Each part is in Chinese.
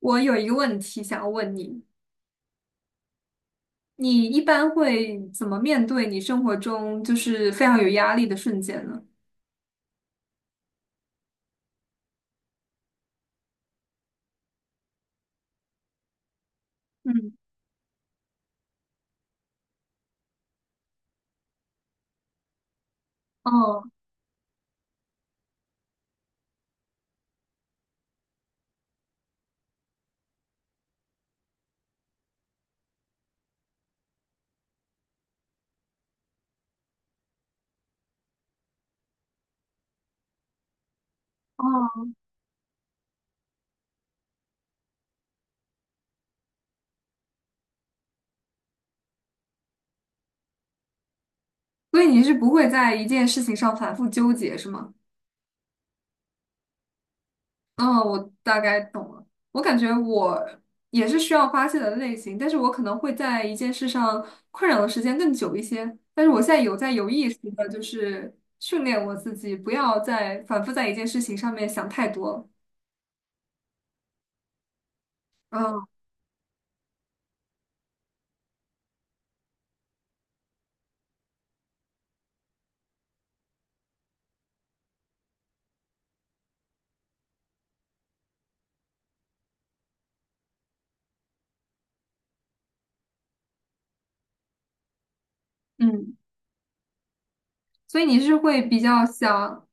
我有一个问题想要问你，你一般会怎么面对你生活中就是非常有压力的瞬间呢？嗯，哦哦，所以你是不会在一件事情上反复纠结，是吗？嗯，我大概懂了。我感觉我也是需要发泄的类型，但是我可能会在一件事上困扰的时间更久一些。但是我现在有在有意识的，就是训练我自己，不要再反复在一件事情上面想太多了。嗯嗯。所以你是会比较想，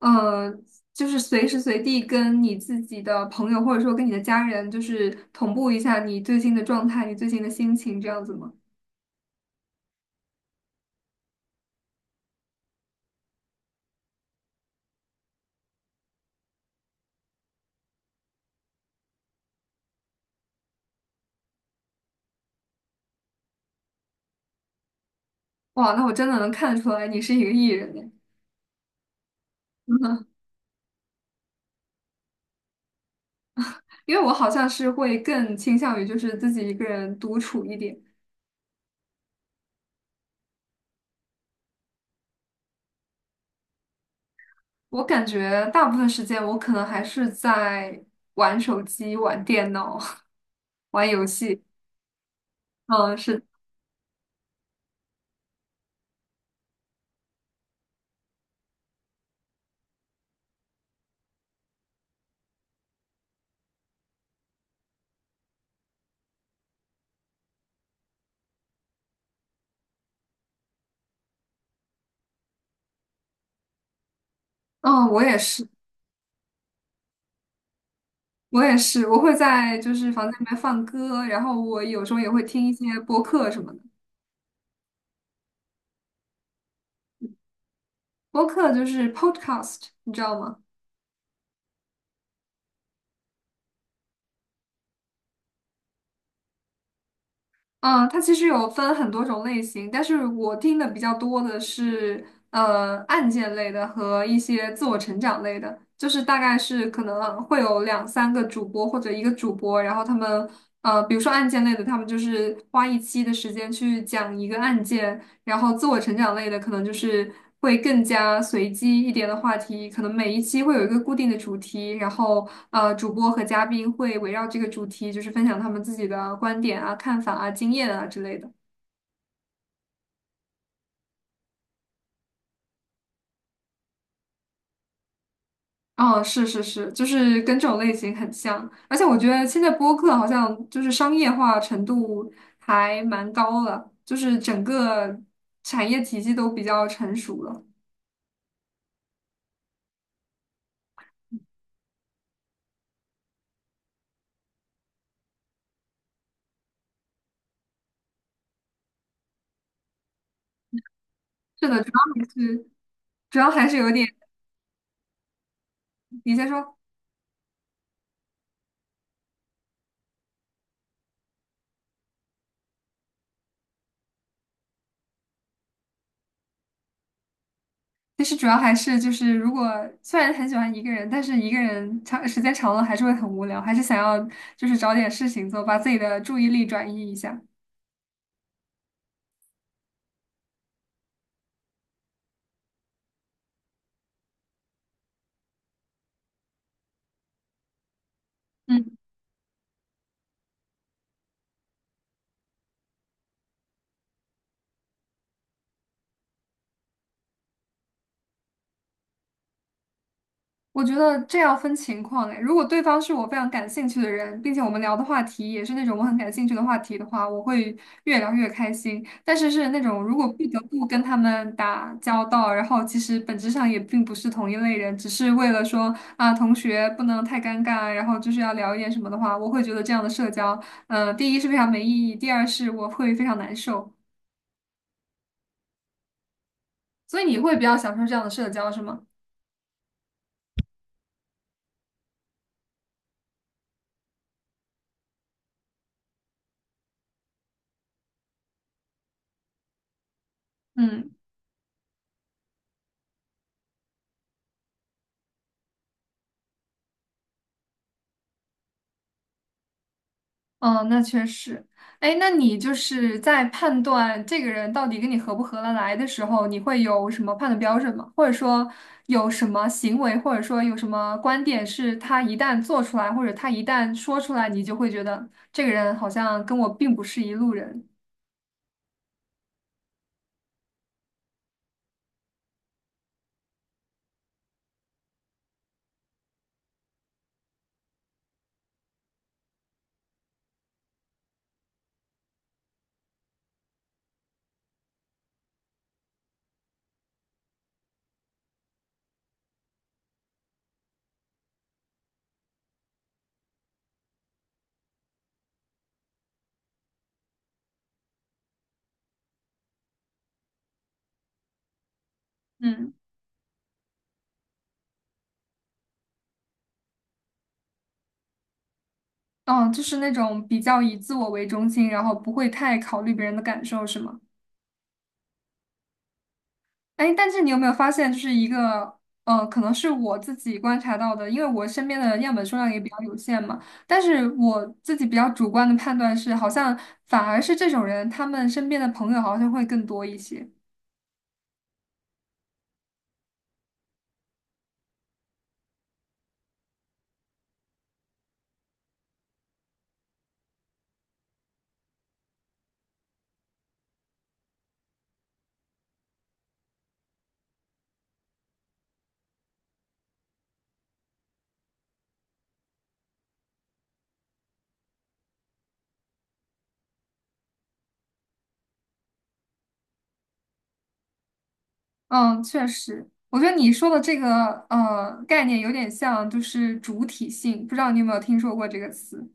呃，就是随时随地跟你自己的朋友或者说跟你的家人，就是同步一下你最近的状态，你最近的心情这样子吗？哇，那我真的能看得出来你是一个 E 人耶，因为我好像是会更倾向于就是自己一个人独处一点。我感觉大部分时间我可能还是在玩手机、玩电脑、玩游戏。嗯，是，嗯，我也是。我也是，我会在就是房间里面放歌，然后我有时候也会听一些播客什么的。播客就是 podcast，你知道吗？嗯，它其实有分很多种类型，但是我听的比较多的是案件类的和一些自我成长类的，就是大概是可能会有两三个主播或者一个主播，然后他们比如说案件类的，他们就是花一期的时间去讲一个案件。然后自我成长类的可能就是会更加随机一点的话题，可能每一期会有一个固定的主题，然后主播和嘉宾会围绕这个主题，就是分享他们自己的观点啊、看法啊、经验啊之类的。哦，是是是，就是跟这种类型很像，而且我觉得现在播客好像就是商业化程度还蛮高了，就是整个产业体系都比较成熟了。是的，主要还是有点，你先说。其实主要还是就是，如果虽然很喜欢一个人，但是一个人长时间长了还是会很无聊，还是想要就是找点事情做，把自己的注意力转移一下。嗯。我觉得这要分情况哎，如果对方是我非常感兴趣的人，并且我们聊的话题也是那种我很感兴趣的话题的话，我会越聊越开心。但是是那种如果不得不跟他们打交道，然后其实本质上也并不是同一类人，只是为了说啊同学不能太尴尬，然后就是要聊一点什么的话，我会觉得这样的社交，第一是非常没意义，第二是我会非常难受。所以你会比较享受这样的社交是吗？嗯。哦，那确实。哎，那你就是在判断这个人到底跟你合不合得来的时候，你会有什么判断标准吗？或者说有什么行为，或者说有什么观点，是他一旦做出来，或者他一旦说出来，你就会觉得这个人好像跟我并不是一路人。嗯，哦，就是那种比较以自我为中心，然后不会太考虑别人的感受，是吗？哎，但是你有没有发现，就是一个，可能是我自己观察到的，因为我身边的样本数量也比较有限嘛。但是我自己比较主观的判断是，好像反而是这种人，他们身边的朋友好像会更多一些。嗯，确实，我觉得你说的这个概念有点像，就是主体性，不知道你有没有听说过这个词？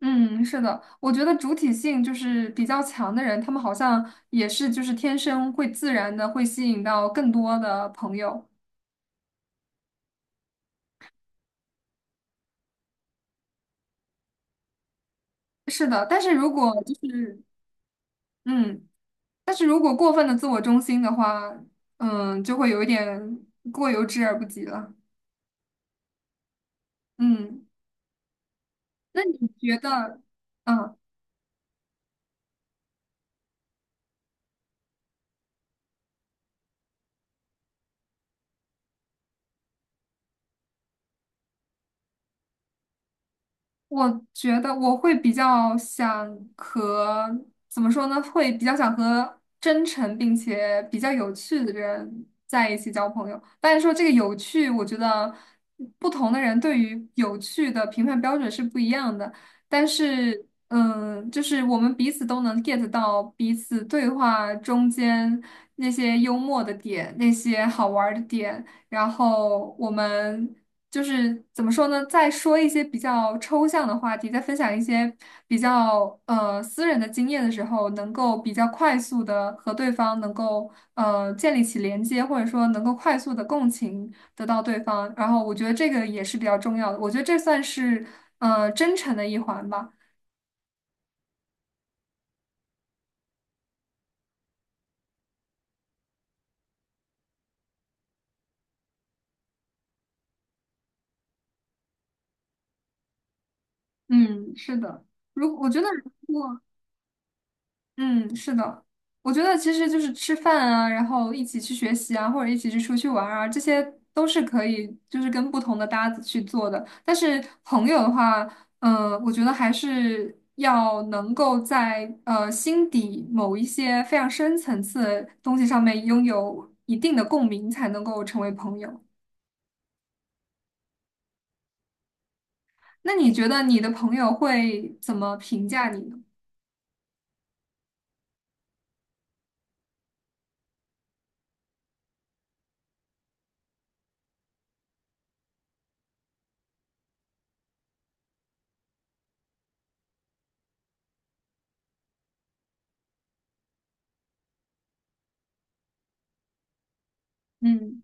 嗯，是的，我觉得主体性就是比较强的人，他们好像也是就是天生会自然的会吸引到更多的朋友。是的，嗯，但是如果过分的自我中心的话，就会有一点过犹之而不及了。嗯，那你觉得，嗯，我觉得我会比较想和，怎么说呢？会比较想和真诚并且比较有趣的人在一起交朋友。但是说这个有趣，我觉得不同的人对于有趣的评判标准是不一样的。但是，就是我们彼此都能 get 到彼此对话中间那些幽默的点，那些好玩儿的点。然后我们就是怎么说呢？在说一些比较抽象的话题，在分享一些比较私人的经验的时候，能够比较快速的和对方能够建立起连接，或者说能够快速的共情得到对方。然后我觉得这个也是比较重要的，我觉得这算是真诚的一环吧。嗯，是的。我觉得如果嗯，是的，我觉得其实就是吃饭啊，然后一起去学习啊，或者一起去出去玩儿啊，这些都是可以，就是跟不同的搭子去做的。但是朋友的话，我觉得还是要能够在心底某一些非常深层次的东西上面拥有一定的共鸣，才能够成为朋友。那你觉得你的朋友会怎么评价你呢？嗯，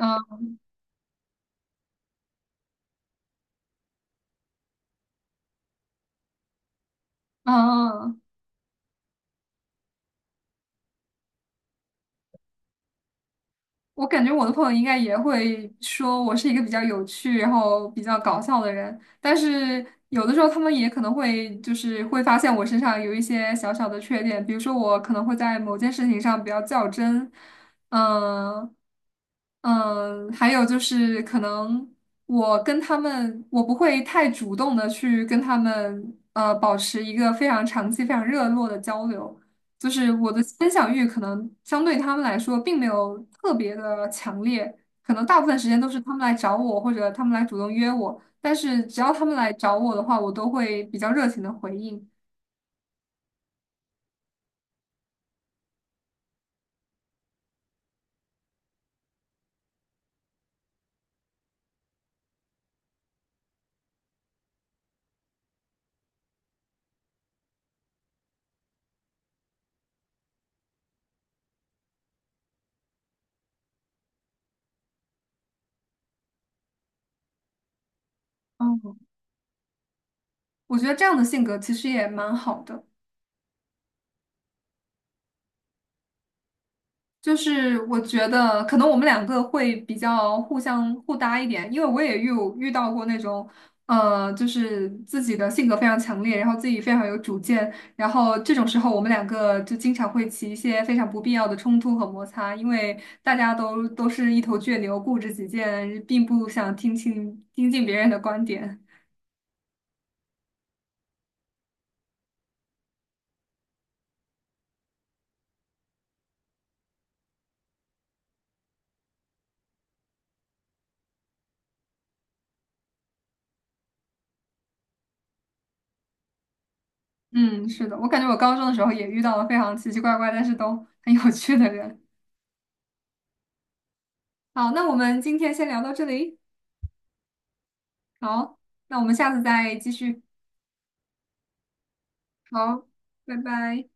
嗯嗯。啊我感觉我的朋友应该也会说我是一个比较有趣，然后比较搞笑的人，但是有的时候他们也可能会就是会发现我身上有一些小小的缺点，比如说我可能会在某件事情上比较较真，嗯嗯，还有就是可能我跟他们，我不会太主动的去跟他们保持一个非常长期、非常热络的交流。就是我的分享欲可能相对他们来说并没有特别的强烈，可能大部分时间都是他们来找我或者他们来主动约我，但是只要他们来找我的话，我都会比较热情的回应。嗯，我觉得这样的性格其实也蛮好的。就是我觉得可能我们两个会比较互相互搭一点，因为我也遇到过那种，就是自己的性格非常强烈，然后自己非常有主见，然后这种时候我们两个就经常会起一些非常不必要的冲突和摩擦，因为大家都是一头倔牛，固执己见，并不想听进别人的观点。嗯，是的，我感觉我高中的时候也遇到了非常奇奇怪怪，但是都很有趣的人。好，那我们今天先聊到这里。好，那我们下次再继续。好，拜拜。